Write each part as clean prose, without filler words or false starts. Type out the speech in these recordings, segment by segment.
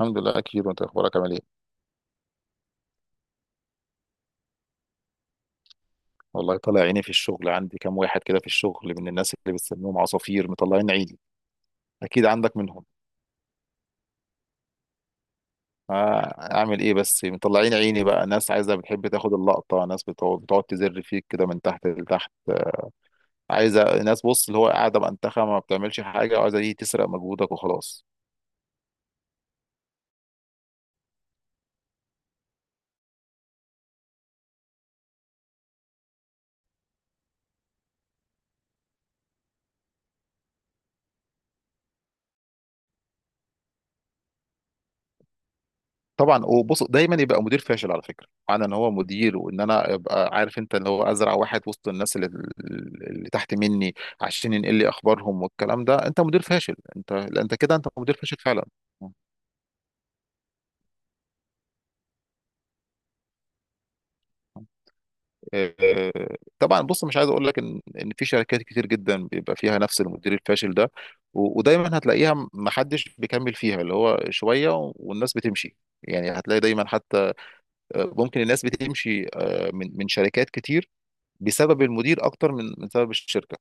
الحمد لله اكيد. وانت اخبارك عامل ايه؟ والله طالع عيني في الشغل. عندي كام واحد كده في الشغل من الناس اللي بتسميهم عصافير، مطلعين عيني. اكيد عندك منهم. آه، اعمل ايه بس؟ مطلعين عيني بقى. ناس عايزه بتحب تاخد اللقطه، ناس بتقعد تزر فيك كده من تحت لتحت. عايزه ناس بص اللي هو قاعده بانتخه ما بتعملش حاجه، وعايزه دي تسرق مجهودك وخلاص. طبعا. وبص، دايما يبقى مدير فاشل على فكره. معنى ان هو مدير وان انا ابقى عارف انت اللي هو ازرع واحد وسط الناس اللي تحت مني عشان ينقل لي اخبارهم، والكلام ده انت مدير فاشل. انت لا، انت كده انت مدير فاشل فعلا. آه، طبعا. بص، مش عايز اقول لك ان في شركات كتير جدا بيبقى فيها نفس المدير الفاشل ده. و- ودايما هتلاقيها ما حدش بيكمل فيها، اللي هو شويه والناس بتمشي. يعني هتلاقي دايما حتى ممكن الناس بتمشي، من شركات كتير بسبب المدير اكتر من سبب الشركه.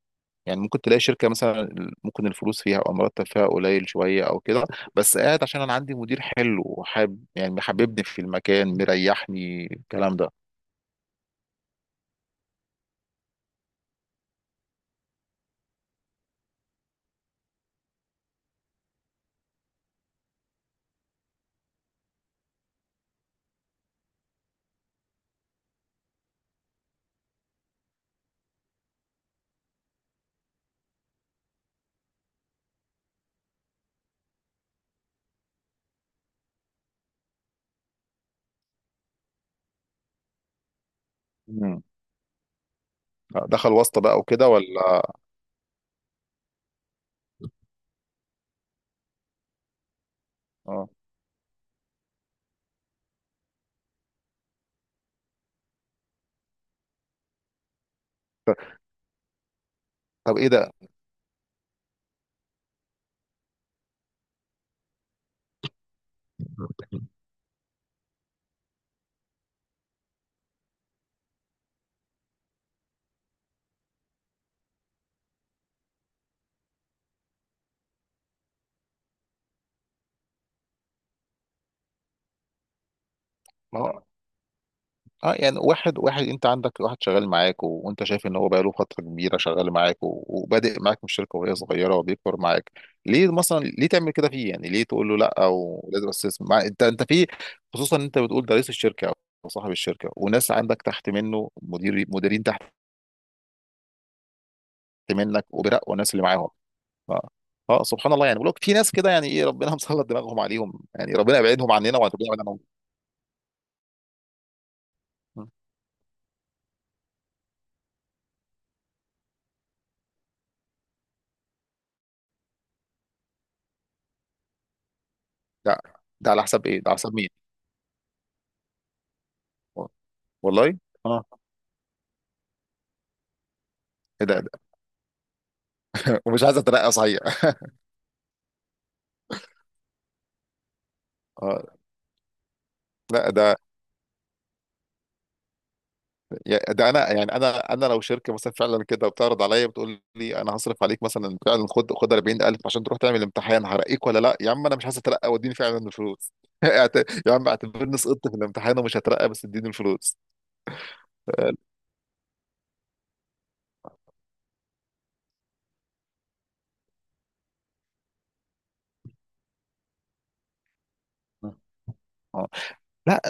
يعني ممكن تلاقي شركه مثلا ممكن الفلوس فيها او المرتب فيها قليل شويه او كده، بس قاعد عشان انا عندي مدير حلو وحاب، يعني محببني في المكان، مريحني الكلام ده. مم. دخل واسطه بقى وكده ولا؟ اه. طب ايه ده؟ ما هو اه. يعني واحد واحد، انت عندك واحد شغال معاك وانت شايف ان هو بقاله فتره كبيره شغال معاك وبادئ معاك من الشركه وهي صغيره وبيكبر معاك. ليه مثلا ليه تعمل كده فيه؟ يعني ليه تقول له لا، او لازم استثمر انت في، خصوصا ان انت بتقول ده رئيس الشركه او صاحب الشركه، وناس عندك تحت منه مدير، مديرين تحت منك وبراء، والناس اللي معاهم. اه, آه، سبحان الله. يعني بقول لك في ناس كده، يعني ايه ربنا مسلط دماغهم عليهم. يعني ربنا يبعدهم عننا، وعن ربنا يبعد عنهم. لا. ده على حساب ايه؟ ده على حساب مين؟ والله. اه. ايه ده؟ ومش عايز اترقى صحيح. اه. لا، ده ده انا يعني، انا لو شركه مثلا فعلا كده بتعرض عليا، بتقول لي انا هصرف عليك مثلا فعلا، خد خد 40,000 عشان تروح تعمل امتحان هرقيك، ولا لا يا عم انا مش عايز اترقى واديني فعلا الفلوس. اعت- يا عم، اعتبرني سقطت في الامتحان ومش هترقى، بس اديني الفلوس. آه. آه. لا.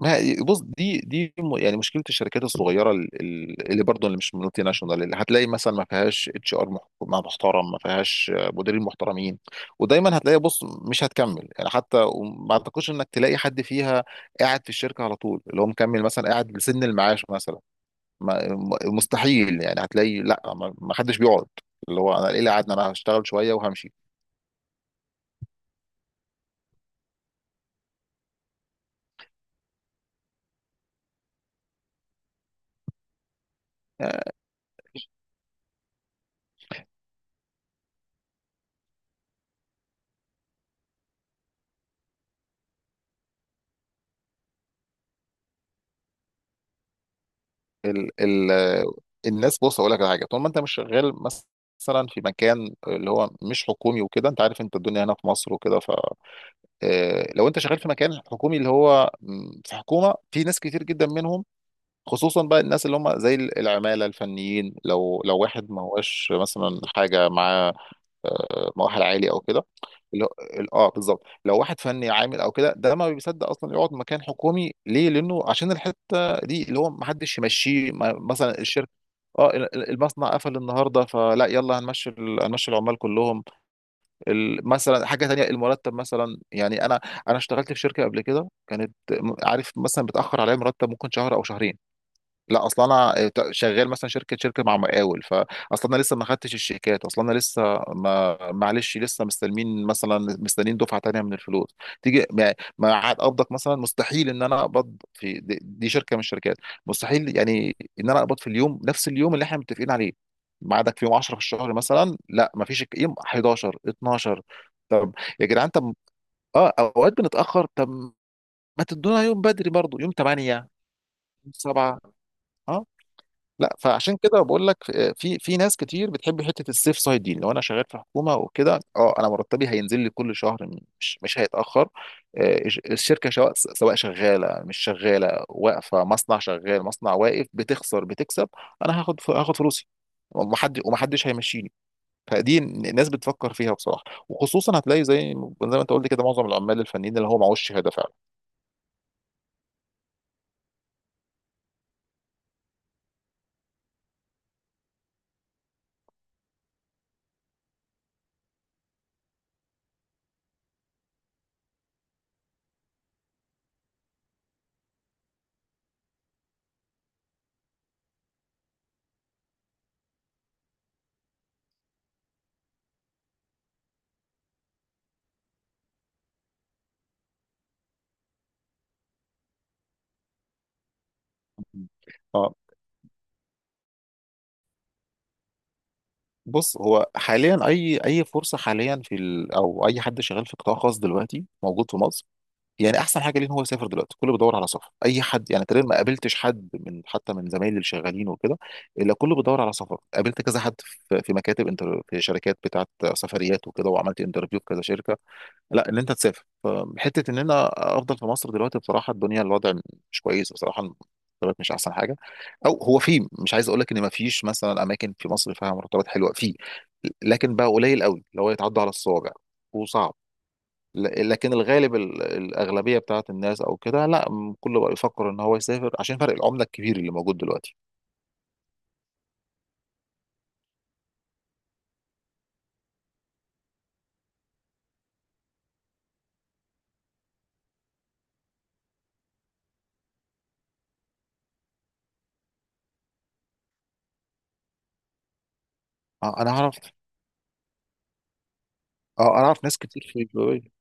بص، دي يعني مشكله الشركات الصغيره، اللي برضه اللي مش مالتي ناشونال، اللي هتلاقي مثلا ما فيهاش اتش ار محترم، ما فيهاش مديرين محترمين. ودايما هتلاقي، بص مش هتكمل، يعني حتى وما اعتقدش انك تلاقي حد فيها قاعد في الشركه على طول، اللي هو مكمل مثلا قاعد لسن المعاش مثلا. مستحيل. يعني هتلاقي لا، ما ما حدش بيقعد. اللي هو انا ايه اللي قعدنا؟ انا هشتغل شويه وهمشي. ال الناس، بص اقول لك على حاجه، طول ما انت مش شغال مثلا في مكان اللي هو مش حكومي وكده، انت عارف انت الدنيا هنا في مصر وكده، ف لو انت شغال في مكان حكومي اللي هو م، في حكومه، في ناس كتير جدا منهم، خصوصا بقى الناس اللي هم زي العماله الفنيين، لو واحد ما هوش مثلا حاجه معاه، مؤهل عالي او كده، اللي هو اه بالظبط. لو واحد فني عامل او كده، ده ما بيصدق اصلا يقعد مكان حكومي. ليه؟ لانه عشان الحته دي اللي هو ما حدش يمشيه. مثلا الشركه اه، المصنع قفل النهارده، فلا يلا هنمشي هنمشي العمال كلهم. مثلا حاجه تانية، المرتب مثلا. يعني انا، انا اشتغلت في شركه قبل كده كانت عارف مثلا بتاخر عليا مرتب ممكن شهر او شهرين. لا اصلا، انا شغال مثلا شركه، شركه مع مقاول، فاصلا انا لسه ما خدتش الشيكات. اصلا انا لسه، ما معلش، لسه مستلمين مثلا، مستنيين دفعه تانية من الفلوس تيجي ما ما عاد قبضك مثلا. مستحيل ان انا اقبض في دي شركه من الشركات. مستحيل يعني ان انا اقبض في اليوم نفس اليوم اللي احنا متفقين عليه. ميعادك في يوم 10 في الشهر مثلا، لا ما فيش يوم 11 12. طب يا جدعان، طب اه اوقات بنتاخر، طب ما تدونا يوم بدري برضو، يوم 8، يوم 7. لا فعشان كده بقول لك في في ناس كتير بتحب حته السيف سايد دي. لو انا شغال في حكومه وكده، اه انا مرتبي هينزل لي كل شهر، مش هيتاخر. آه، الشركه سواء شغاله مش شغاله، واقفه، مصنع شغال مصنع واقف، بتخسر بتكسب، انا هاخد فلوسي، ومحد ومحدش هيمشيني. فدي الناس بتفكر فيها بصراحه. وخصوصا هتلاقي، زي زي ما انت قلت كده، معظم العمال الفنيين اللي هو معهوش شهاده فعلا. اه. بص هو حاليا اي فرصه حاليا في او اي حد شغال في قطاع خاص دلوقتي موجود في مصر، يعني احسن حاجه ليه ان هو يسافر دلوقتي. كله بيدور على سفر، اي حد يعني. تقريبا ما قابلتش حد من، حتى من زمايلي اللي شغالين وكده، الا كله بيدور على سفر. قابلت كذا حد في مكاتب انتر، في شركات بتاعت سفريات وكده، وعملت انترفيو في كذا شركه. لا ان انت تسافر فحته، ان انا افضل في مصر دلوقتي بصراحه. الدنيا، الوضع مش كويس بصراحه، المرتبات مش احسن حاجه. او هو، في، مش عايز اقول لك ان ما فيش مثلا اماكن في مصر فيها مرتبات حلوه في، لكن بقى قليل قوي اللي هو يتعدى على الصوابع وصعب. لكن الغالب، الأغلبية بتاعت الناس أو كده لا، كله بقى يفكر إن هو يسافر عشان فرق العملة الكبير اللي موجود دلوقتي. أه أنا أعرف. أه أنا أعرف ناس كتير في دبي.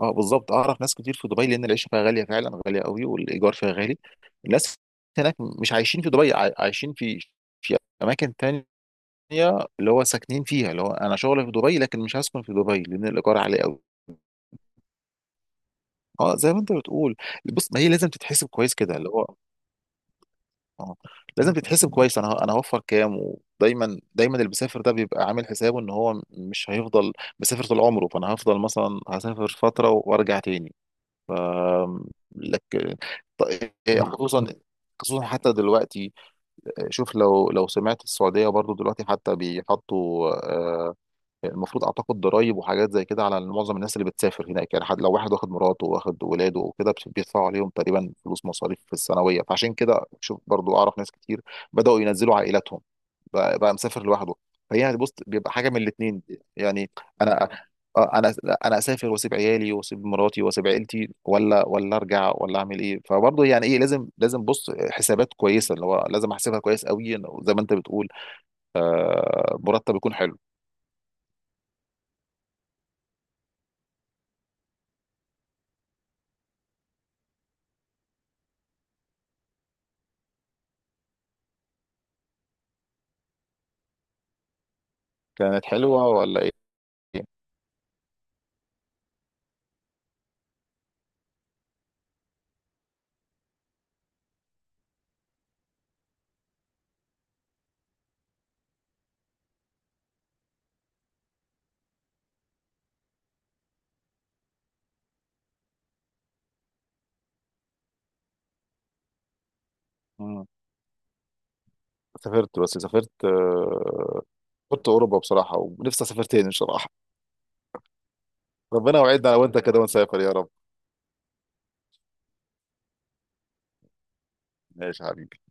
أه بالظبط، أعرف ناس كتير في دبي لأن العيشة فيها غالية فعلا، غالية قوي، والإيجار فيها غالي. الناس هناك مش عايشين في دبي، عايشين في، في أماكن تانية اللي هو ساكنين فيها. اللي هو أنا شغلي في دبي، لكن مش هسكن في دبي لأن الإيجار عالي قوي. أه زي ما أنت بتقول. بص ما هي لازم تتحسب كويس كده، اللي هو اه لازم تتحسب كويس. انا هوفر كام. ودايما اللي بيسافر ده بيبقى عامل حسابه ان هو مش هيفضل مسافر طول عمره، فانا هفضل مثلا هسافر فتره وارجع تاني. لك ط- خصوصا، خصوصا حتى دلوقتي شوف، لو سمعت السعوديه برضو دلوقتي حتى بيحطوا، المفروض اعتقد ضرايب وحاجات زي كده على معظم الناس اللي بتسافر هناك. يعني حد لو واحد واخد مراته واخد ولاده وكده، بيدفعوا عليهم تقريبا فلوس مصاريف في السنويه. فعشان كده شوف برضو، اعرف ناس كتير بداوا ينزلوا عائلاتهم، بقى مسافر لوحده. فهي يعني، بص بيبقى حاجه من الاثنين. يعني انا، انا، انا اسافر واسيب عيالي واسيب مراتي واسيب عيلتي، ولا ولا ارجع، ولا اعمل ايه؟ فبرضه يعني ايه، لازم، لازم بص حسابات كويسه اللي هو لازم احسبها كويس قوي، زي ما انت بتقول، مرتب يكون حلو. كانت حلوه ولا ايه؟ مم. سافرت، بس سافرت سافرت اوروبا بصراحه، ونفسي اسافر تاني بصراحه. ربنا يوعدنا انا وانت كده ونسافر يا رب. ماشي يا حبيبي.